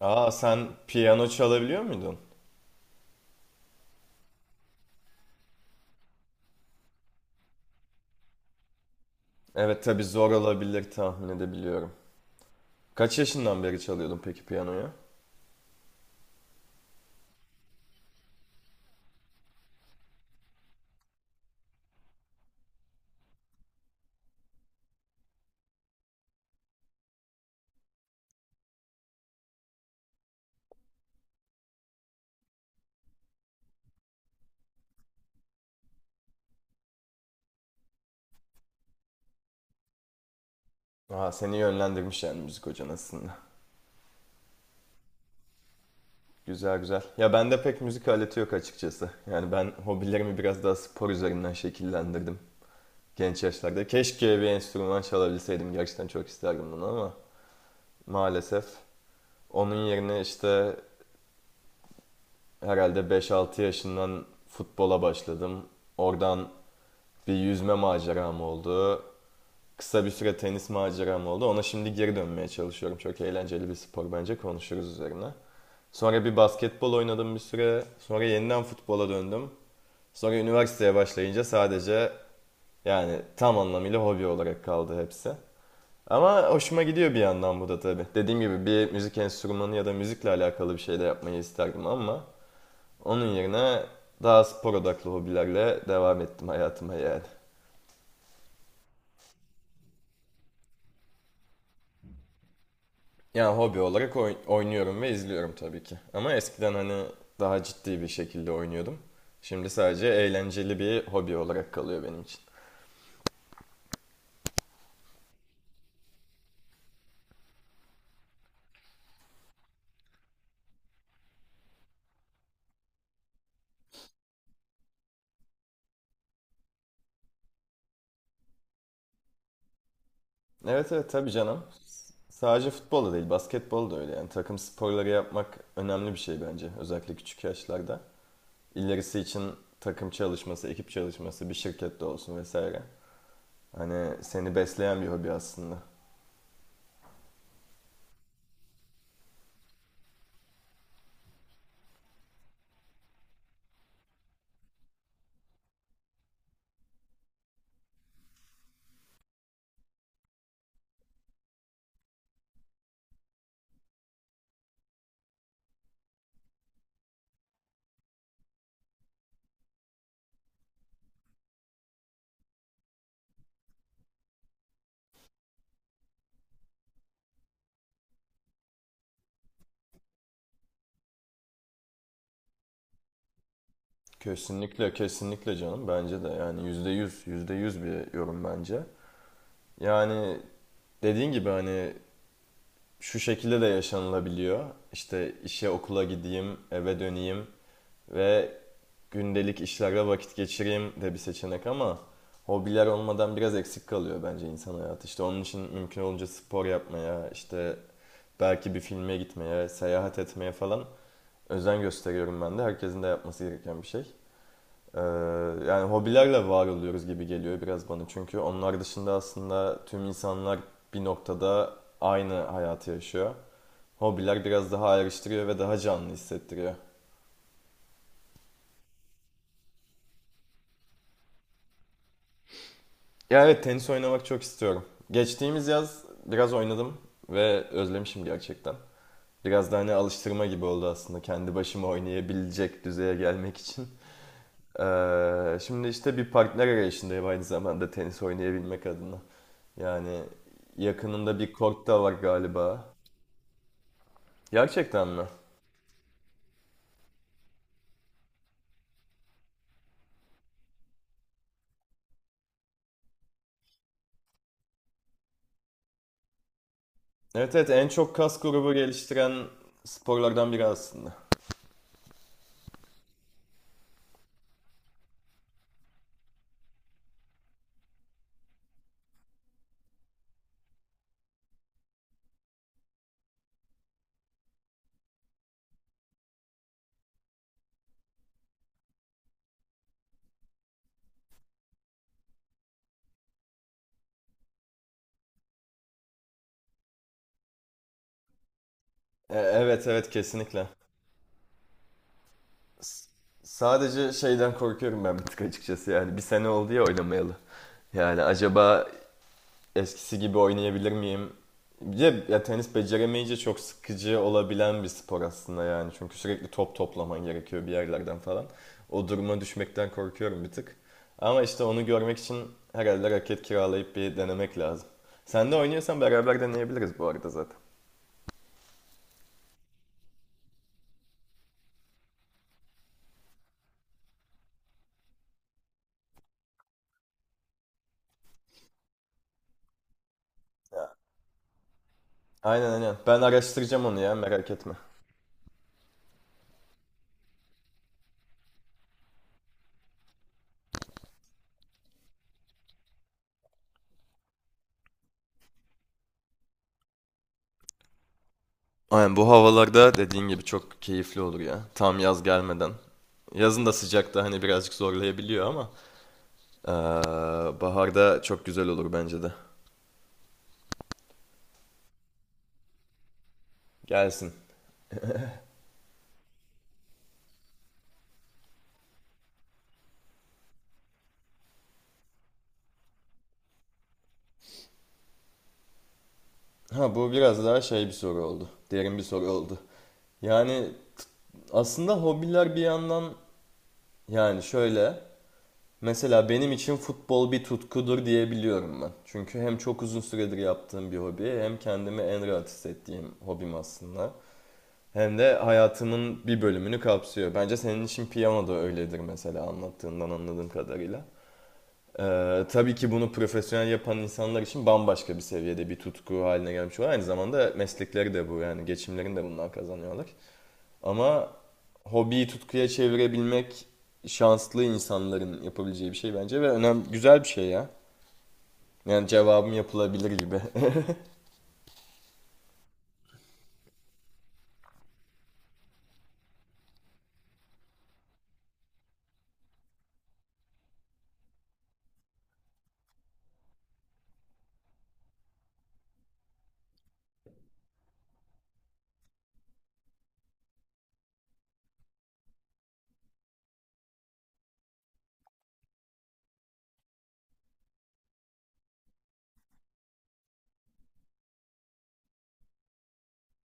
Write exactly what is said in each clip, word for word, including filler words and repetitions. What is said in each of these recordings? Aa, sen piyano çalabiliyor muydun? Evet, tabii zor olabilir, tahmin edebiliyorum. Kaç yaşından beri çalıyordun peki piyanoyu? Aa, seni yönlendirmiş yani müzik hocan aslında. Güzel güzel. Ya bende pek müzik aleti yok açıkçası. Yani ben hobilerimi biraz daha spor üzerinden şekillendirdim genç yaşlarda. Keşke bir enstrüman çalabilseydim. Gerçekten çok isterdim bunu ama maalesef. Onun yerine işte herhalde beş altı yaşından futbola başladım. Oradan bir yüzme maceram oldu. Kısa bir süre tenis maceram oldu. Ona şimdi geri dönmeye çalışıyorum. Çok eğlenceli bir spor, bence konuşuruz üzerine. Sonra bir basketbol oynadım bir süre. Sonra yeniden futbola döndüm. Sonra üniversiteye başlayınca sadece yani tam anlamıyla hobi olarak kaldı hepsi. Ama hoşuma gidiyor bir yandan bu da tabii. Dediğim gibi bir müzik enstrümanı ya da müzikle alakalı bir şey de yapmayı isterdim ama onun yerine daha spor odaklı hobilerle devam ettim hayatıma yani. Yani hobi olarak oy- oynuyorum ve izliyorum tabii ki. Ama eskiden hani daha ciddi bir şekilde oynuyordum. Şimdi sadece eğlenceli bir hobi olarak kalıyor benim için. Evet evet, tabii canım. Sadece futbol da değil, basketbol da öyle yani. Takım sporları yapmak önemli bir şey bence. Özellikle küçük yaşlarda. İlerisi için takım çalışması, ekip çalışması, bir şirkette olsun vesaire. Hani seni besleyen bir hobi aslında. Kesinlikle, kesinlikle canım. Bence de yani yüzde yüz, yüzde yüz bir yorum bence. Yani dediğin gibi hani şu şekilde de yaşanılabiliyor. İşte işe okula gideyim, eve döneyim ve gündelik işlerle vakit geçireyim de bir seçenek ama hobiler olmadan biraz eksik kalıyor bence insan hayatı. İşte onun için mümkün olunca spor yapmaya, işte belki bir filme gitmeye, seyahat etmeye falan özen gösteriyorum ben de. Herkesin de yapması gereken bir şey. Ee, Yani hobilerle var oluyoruz gibi geliyor biraz bana, çünkü onlar dışında aslında tüm insanlar bir noktada aynı hayatı yaşıyor. Hobiler biraz daha ayrıştırıyor ve daha canlı hissettiriyor. Ya evet, tenis oynamak çok istiyorum. Geçtiğimiz yaz biraz oynadım ve özlemişim gerçekten. Biraz da hani alıştırma gibi oldu aslında kendi başıma oynayabilecek düzeye gelmek için. Ee, şimdi işte bir partner arayışındayım aynı zamanda tenis oynayabilmek adına. Yani yakınında bir kort da var galiba. Gerçekten mi? Evet evet, en çok kas grubu geliştiren sporlardan biri aslında. E, evet evet, kesinlikle. Sadece şeyden korkuyorum ben bir tık açıkçası yani. Bir sene oldu ya oynamayalı. Yani acaba eskisi gibi oynayabilir miyim? Bir Ya, tenis beceremeyince çok sıkıcı olabilen bir spor aslında yani. Çünkü sürekli top toplaman gerekiyor bir yerlerden falan. O duruma düşmekten korkuyorum bir tık. Ama işte onu görmek için herhalde raket kiralayıp bir denemek lazım. Sen de oynuyorsan beraber deneyebiliriz bu arada zaten. Aynen aynen. Ben araştıracağım onu ya, merak etme. Aynen, bu havalarda dediğin gibi çok keyifli olur ya. Tam yaz gelmeden. Yazın da sıcakta hani birazcık zorlayabiliyor ama aa, baharda çok güzel olur bence de. Gelsin. Ha, bu biraz daha şey bir soru oldu. Derin bir soru oldu. Yani t- aslında hobiler bir yandan yani şöyle, mesela benim için futbol bir tutkudur diyebiliyorum ben. Çünkü hem çok uzun süredir yaptığım bir hobi, hem kendimi en rahat hissettiğim hobim aslında. Hem de hayatımın bir bölümünü kapsıyor. Bence senin için piyano da öyledir mesela, anlattığından anladığım kadarıyla. Ee, tabii ki bunu profesyonel yapan insanlar için bambaşka bir seviyede bir tutku haline gelmiş oluyor. Aynı zamanda meslekleri de bu yani, geçimlerini de bundan kazanıyorlar. Ama hobiyi tutkuya çevirebilmek şanslı insanların yapabileceği bir şey bence ve önemli, güzel bir şey ya. Yani cevabım yapılabilir gibi.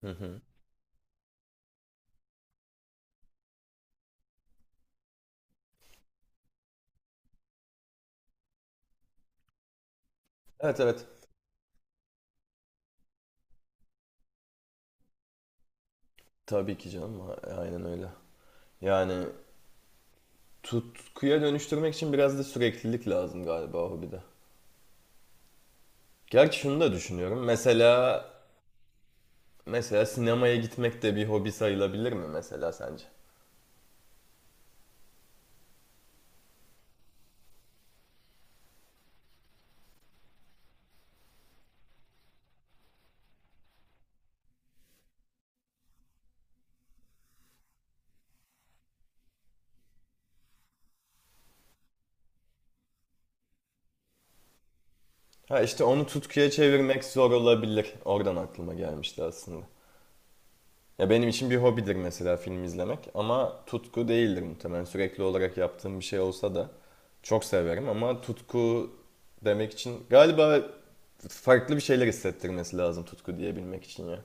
Hı hı. Evet evet. Tabii ki canım. a- Aynen öyle. Yani tutkuya dönüştürmek için biraz da süreklilik lazım galiba hobide. Gerçi şunu da düşünüyorum. Mesela Mesela sinemaya gitmek de bir hobi sayılabilir mi mesela sence? Ha, işte onu tutkuya çevirmek zor olabilir. Oradan aklıma gelmişti aslında. Ya, benim için bir hobidir mesela film izlemek ama tutku değildir muhtemelen. Sürekli olarak yaptığım bir şey olsa da çok severim ama tutku demek için galiba farklı bir şeyler hissettirmesi lazım, tutku diyebilmek için ya.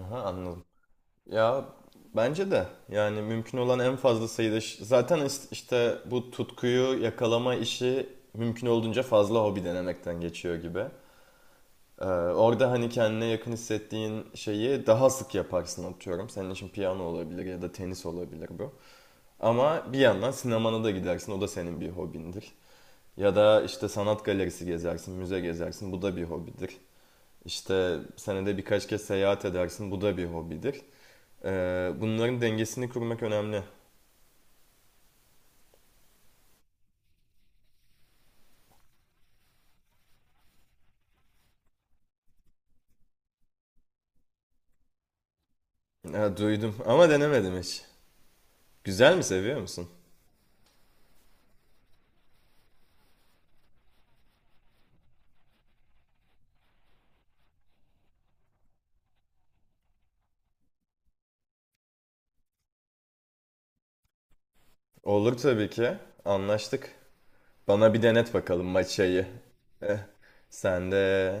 Aha, anladım. Ya bence de yani mümkün olan en fazla sayıda iş- zaten is- işte bu tutkuyu yakalama işi mümkün olduğunca fazla hobi denemekten geçiyor gibi. Ee, Orada hani kendine yakın hissettiğin şeyi daha sık yaparsın, atıyorum. Senin için piyano olabilir ya da tenis olabilir bu. Ama bir yandan sinemana da gidersin. O da senin bir hobindir. Ya da işte sanat galerisi gezersin, müze gezersin. Bu da bir hobidir. İşte senede birkaç kez seyahat edersin. Bu da bir hobidir. Ee, bunların dengesini kurmak önemli. Ha, duydum ama denemedim hiç. Güzel mi, seviyor musun? Olur tabii ki. Anlaştık. Bana bir denet bakalım maçayı. Eh, sen de